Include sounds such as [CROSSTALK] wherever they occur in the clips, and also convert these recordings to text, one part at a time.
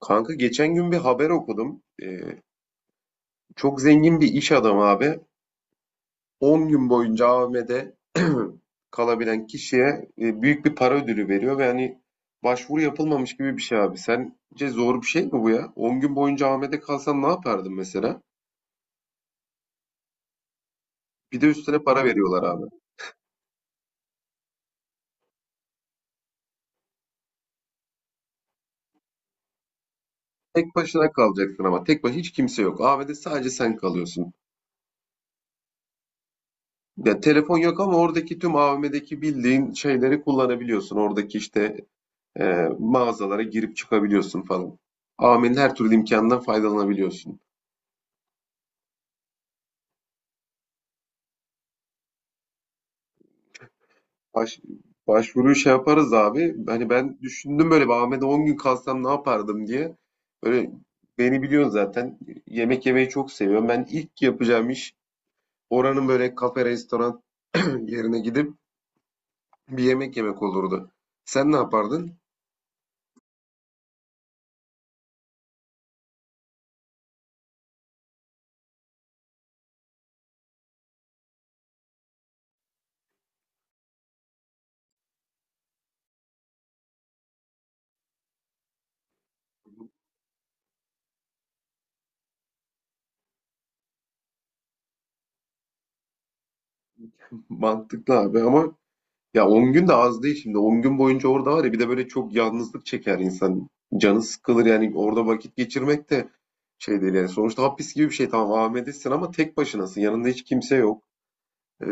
Kanka geçen gün bir haber okudum. Çok zengin bir iş adamı abi. 10 gün boyunca AVM'de [CLEARS THROAT] kalabilen kişiye büyük bir para ödülü veriyor ve hani başvuru yapılmamış gibi bir şey abi. Sence zor bir şey mi bu ya? 10 gün boyunca AVM'de kalsan ne yapardın mesela? Bir de üstüne para veriyorlar abi. Tek başına kalacaksın ama tek başına hiç kimse yok. AVM'de sadece sen kalıyorsun. Ya telefon yok ama oradaki tüm AVM'deki bildiğin şeyleri kullanabiliyorsun. Oradaki işte mağazalara girip çıkabiliyorsun falan. Amin, her türlü imkandan faydalanabiliyorsun. Baş, Başvuruyu şey yaparız abi. Hani ben düşündüm, böyle bir Ahmet'e 10 gün kalsam ne yapardım diye. Böyle beni biliyorsun zaten. Yemek yemeyi çok seviyorum. Ben ilk yapacağım iş oranın böyle kafe, restoran [CLEARS THROAT] yerine gidip bir yemek yemek olurdu. Sen ne yapardın? Mantıklı abi ama ya 10 gün de az değil şimdi. 10 gün boyunca orada var ya, bir de böyle çok yalnızlık çeker insan. Canı sıkılır yani, orada vakit geçirmek de şey değil yani. Sonuçta hapis gibi bir şey, tamam AVM'desin ama tek başınasın. Yanında hiç kimse yok. Ee,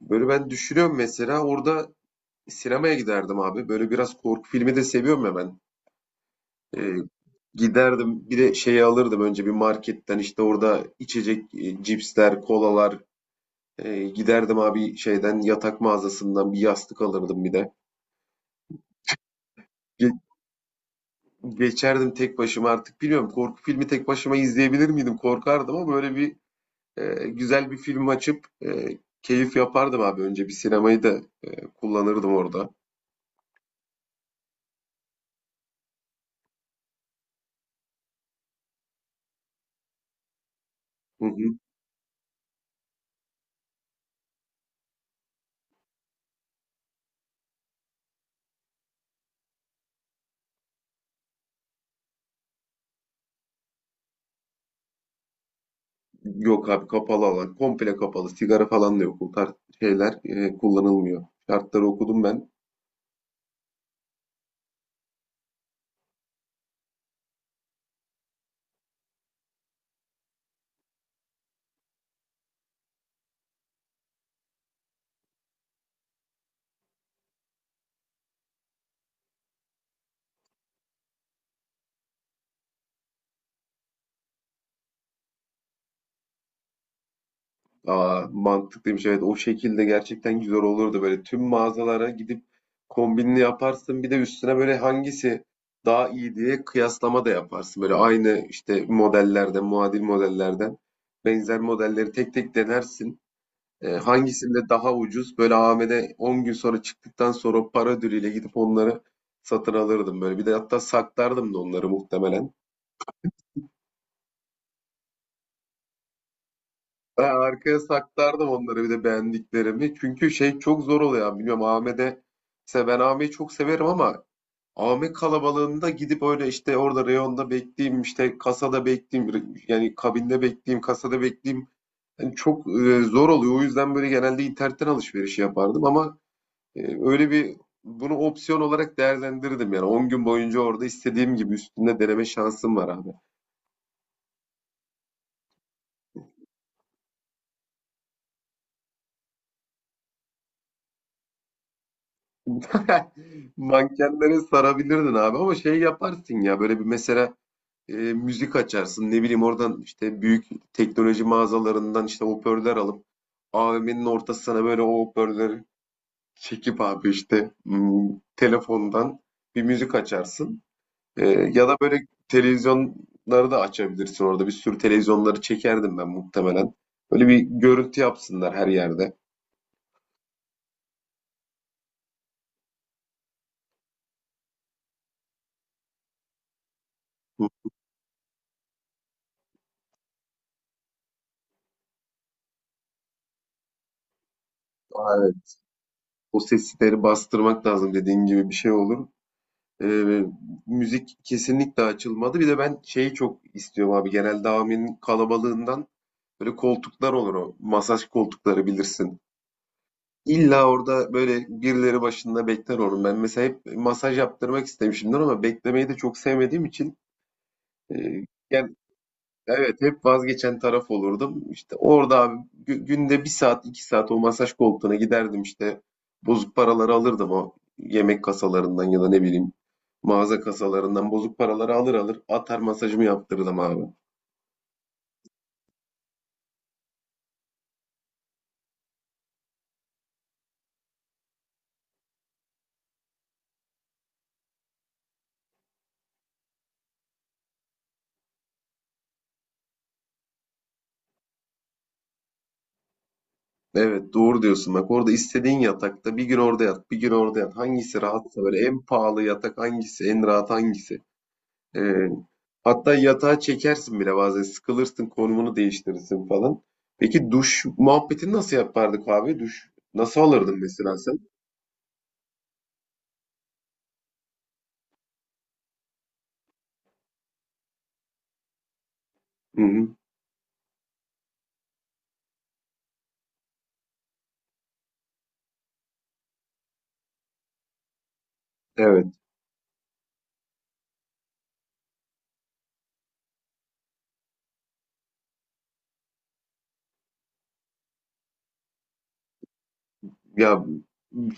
Böyle ben düşünüyorum, mesela orada sinemaya giderdim abi. Böyle biraz korku filmi de seviyorum ya ben. Ee, Giderdim, bir de şeyi alırdım, önce bir marketten işte, orada içecek, cipsler, kolalar. Giderdim abi şeyden, yatak mağazasından bir yastık alırdım bir de. Geçerdim tek başıma, artık bilmiyorum, korku filmi tek başıma izleyebilir miydim, korkardım ama böyle bir güzel bir film açıp keyif yapardım abi, önce bir sinemayı da kullanırdım orada. Hı hı. Yok abi, kapalı alan, komple kapalı, sigara falan da yok, o tarz şeyler kullanılmıyor. Şartları okudum ben. Aa, mantıklıymış, evet, o şekilde gerçekten güzel olurdu. Böyle tüm mağazalara gidip kombinini yaparsın, bir de üstüne böyle hangisi daha iyi diye kıyaslama da yaparsın, böyle aynı işte modellerden, muadil modellerden benzer modelleri tek tek denersin, hangisinde daha ucuz, böyle AVM'de 10 gün sonra çıktıktan sonra o para ödülüyle gidip onları satın alırdım, böyle bir de, hatta saklardım da onları muhtemelen. Ben arkaya saklardım onları, bir de beğendiklerimi. Çünkü şey çok zor oluyor yani. Bilmiyorum Ahmet'e. Mesela ben Ahmet'i çok severim ama Ahmet kalabalığında gidip öyle işte orada reyonda bekleyeyim, işte kasada bekleyeyim, yani kabinde bekleyeyim, kasada bekleyeyim. Yani çok zor oluyor. O yüzden böyle genelde internetten alışveriş yapardım ama e, öyle bir, bunu opsiyon olarak değerlendirdim yani, 10 gün boyunca orada istediğim gibi üstünde deneme şansım var abi. [LAUGHS] Mankenlere sarabilirdin abi, ama şey yaparsın ya, böyle bir mesela müzik açarsın. Ne bileyim, oradan işte büyük teknoloji mağazalarından işte hoparlör alıp AVM'nin ortasına böyle o hoparlörleri çekip abi, işte telefondan bir müzik açarsın. Ya da böyle televizyonları da açabilirsin orada. Bir sürü televizyonları çekerdim ben muhtemelen. Böyle bir görüntü yapsınlar her yerde. Hı. Aa, evet. O sesleri bastırmak lazım, dediğin gibi bir şey olur. Eee, Müzik kesinlikle açılmadı. Bir de ben şeyi çok istiyorum abi. Genelde AVM'nin kalabalığından, böyle koltuklar olur o. Masaj koltukları bilirsin. İlla orada böyle birileri başında bekler onun. Ben mesela hep masaj yaptırmak istemişimdir ama beklemeyi de çok sevmediğim için eee, evet, hep vazgeçen taraf olurdum. İşte orada abi, günde bir saat 2 saat o masaj koltuğuna giderdim, işte bozuk paraları alırdım, o yemek kasalarından ya da ne bileyim mağaza kasalarından bozuk paraları alır alır atar, masajımı yaptırırdım abi. Evet, doğru diyorsun bak, orada istediğin yatakta bir gün orada yat, bir gün orada yat, hangisi rahatsa, böyle en pahalı yatak hangisi, en rahat hangisi. Ee, Hatta yatağa çekersin bile, bazen sıkılırsın, konumunu değiştirirsin falan. Peki duş muhabbetini nasıl yapardık abi? Duş nasıl alırdın mesela sen? Hı hı. Evet. Ya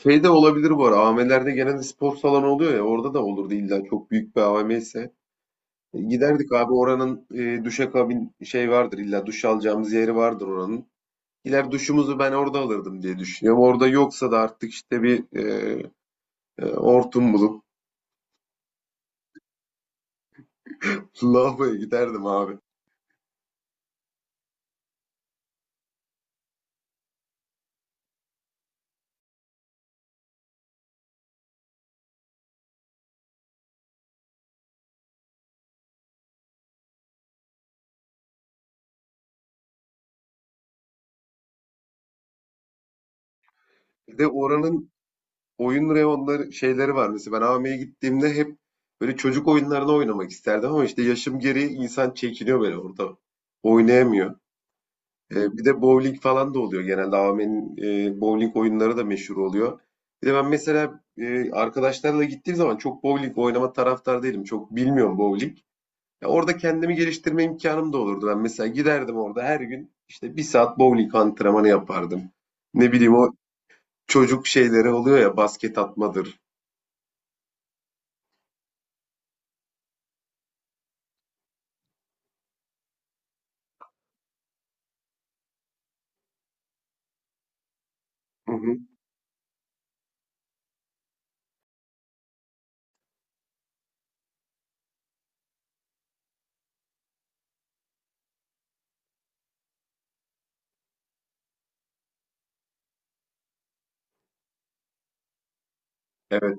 şey de olabilir bu ara. AVM'lerde genelde spor salonu oluyor ya, orada da olurdu, illa çok büyük bir AVM ise. Giderdik abi, oranın duşakabin şey vardır, illa duş alacağımız yeri vardır oranın. Gider duşumuzu ben orada alırdım diye düşünüyorum. Orada yoksa da artık işte bir hortum bulup, [LAUGHS] lavaboya giderdim abi. Bir de oranın oyun reyonları şeyleri var. Mesela ben AVM'ye gittiğimde hep böyle çocuk oyunlarını oynamak isterdim ama işte yaşım gereği insan çekiniyor böyle orada. Oynayamıyor. Bir de bowling falan da oluyor genelde. AVM'nin bowling oyunları da meşhur oluyor. Bir de ben mesela arkadaşlarla gittiğim zaman çok bowling oynama taraftar değilim. Çok bilmiyorum bowling. Ya orada kendimi geliştirme imkanım da olurdu. Ben mesela giderdim orada, her gün işte bir saat bowling antrenmanı yapardım. Ne bileyim, o çocuk şeyleri oluyor ya, basket atmadır. Hı hı. Evet.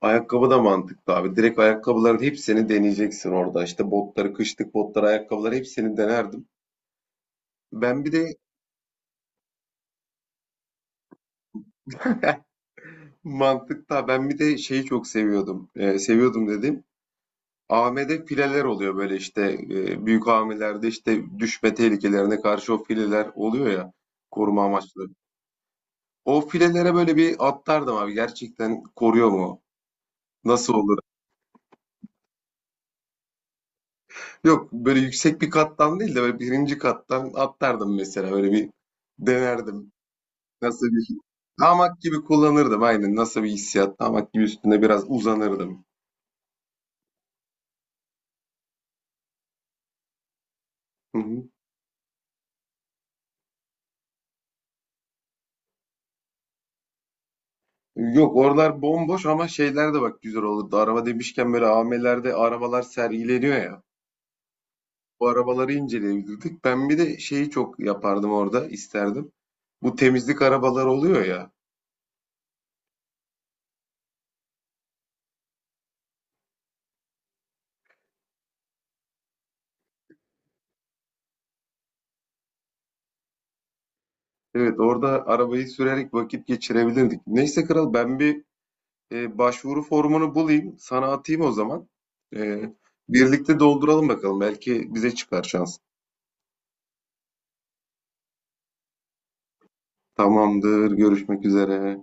Ayakkabı da mantıklı abi. Direkt ayakkabıların hepsini deneyeceksin orada. İşte botları, kışlık botları, ayakkabıları hepsini denerdim. Ben bir de [LAUGHS] mantıklı. Ben bir de şeyi çok seviyordum. Seviyordum dedim. AM'de fileler oluyor böyle, işte büyük AM'lerde işte düşme tehlikelerine karşı o fileler oluyor ya, koruma amaçlı. O filelere böyle bir atlardım abi. Gerçekten koruyor mu? Nasıl olur? Yok, böyle yüksek bir kattan değil de böyle birinci kattan atlardım mesela, öyle bir denerdim. Nasıl bir, hamak gibi kullanırdım aynen, nasıl bir hissiyat, hamak gibi üstüne biraz uzanırdım. Hı hı. Yok, oralar bomboş, ama şeyler de bak güzel olurdu. Araba demişken, böyle AVM'lerde arabalar sergileniyor ya. Bu arabaları inceleyebilirdik. Ben bir de şeyi çok yapardım orada, isterdim. Bu temizlik arabaları oluyor ya. Evet, orada arabayı sürerek vakit geçirebilirdik. Neyse kral, ben bir başvuru formunu bulayım, sana atayım o zaman. Eee, Birlikte dolduralım bakalım. Belki bize çıkar şans. Tamamdır, görüşmek üzere.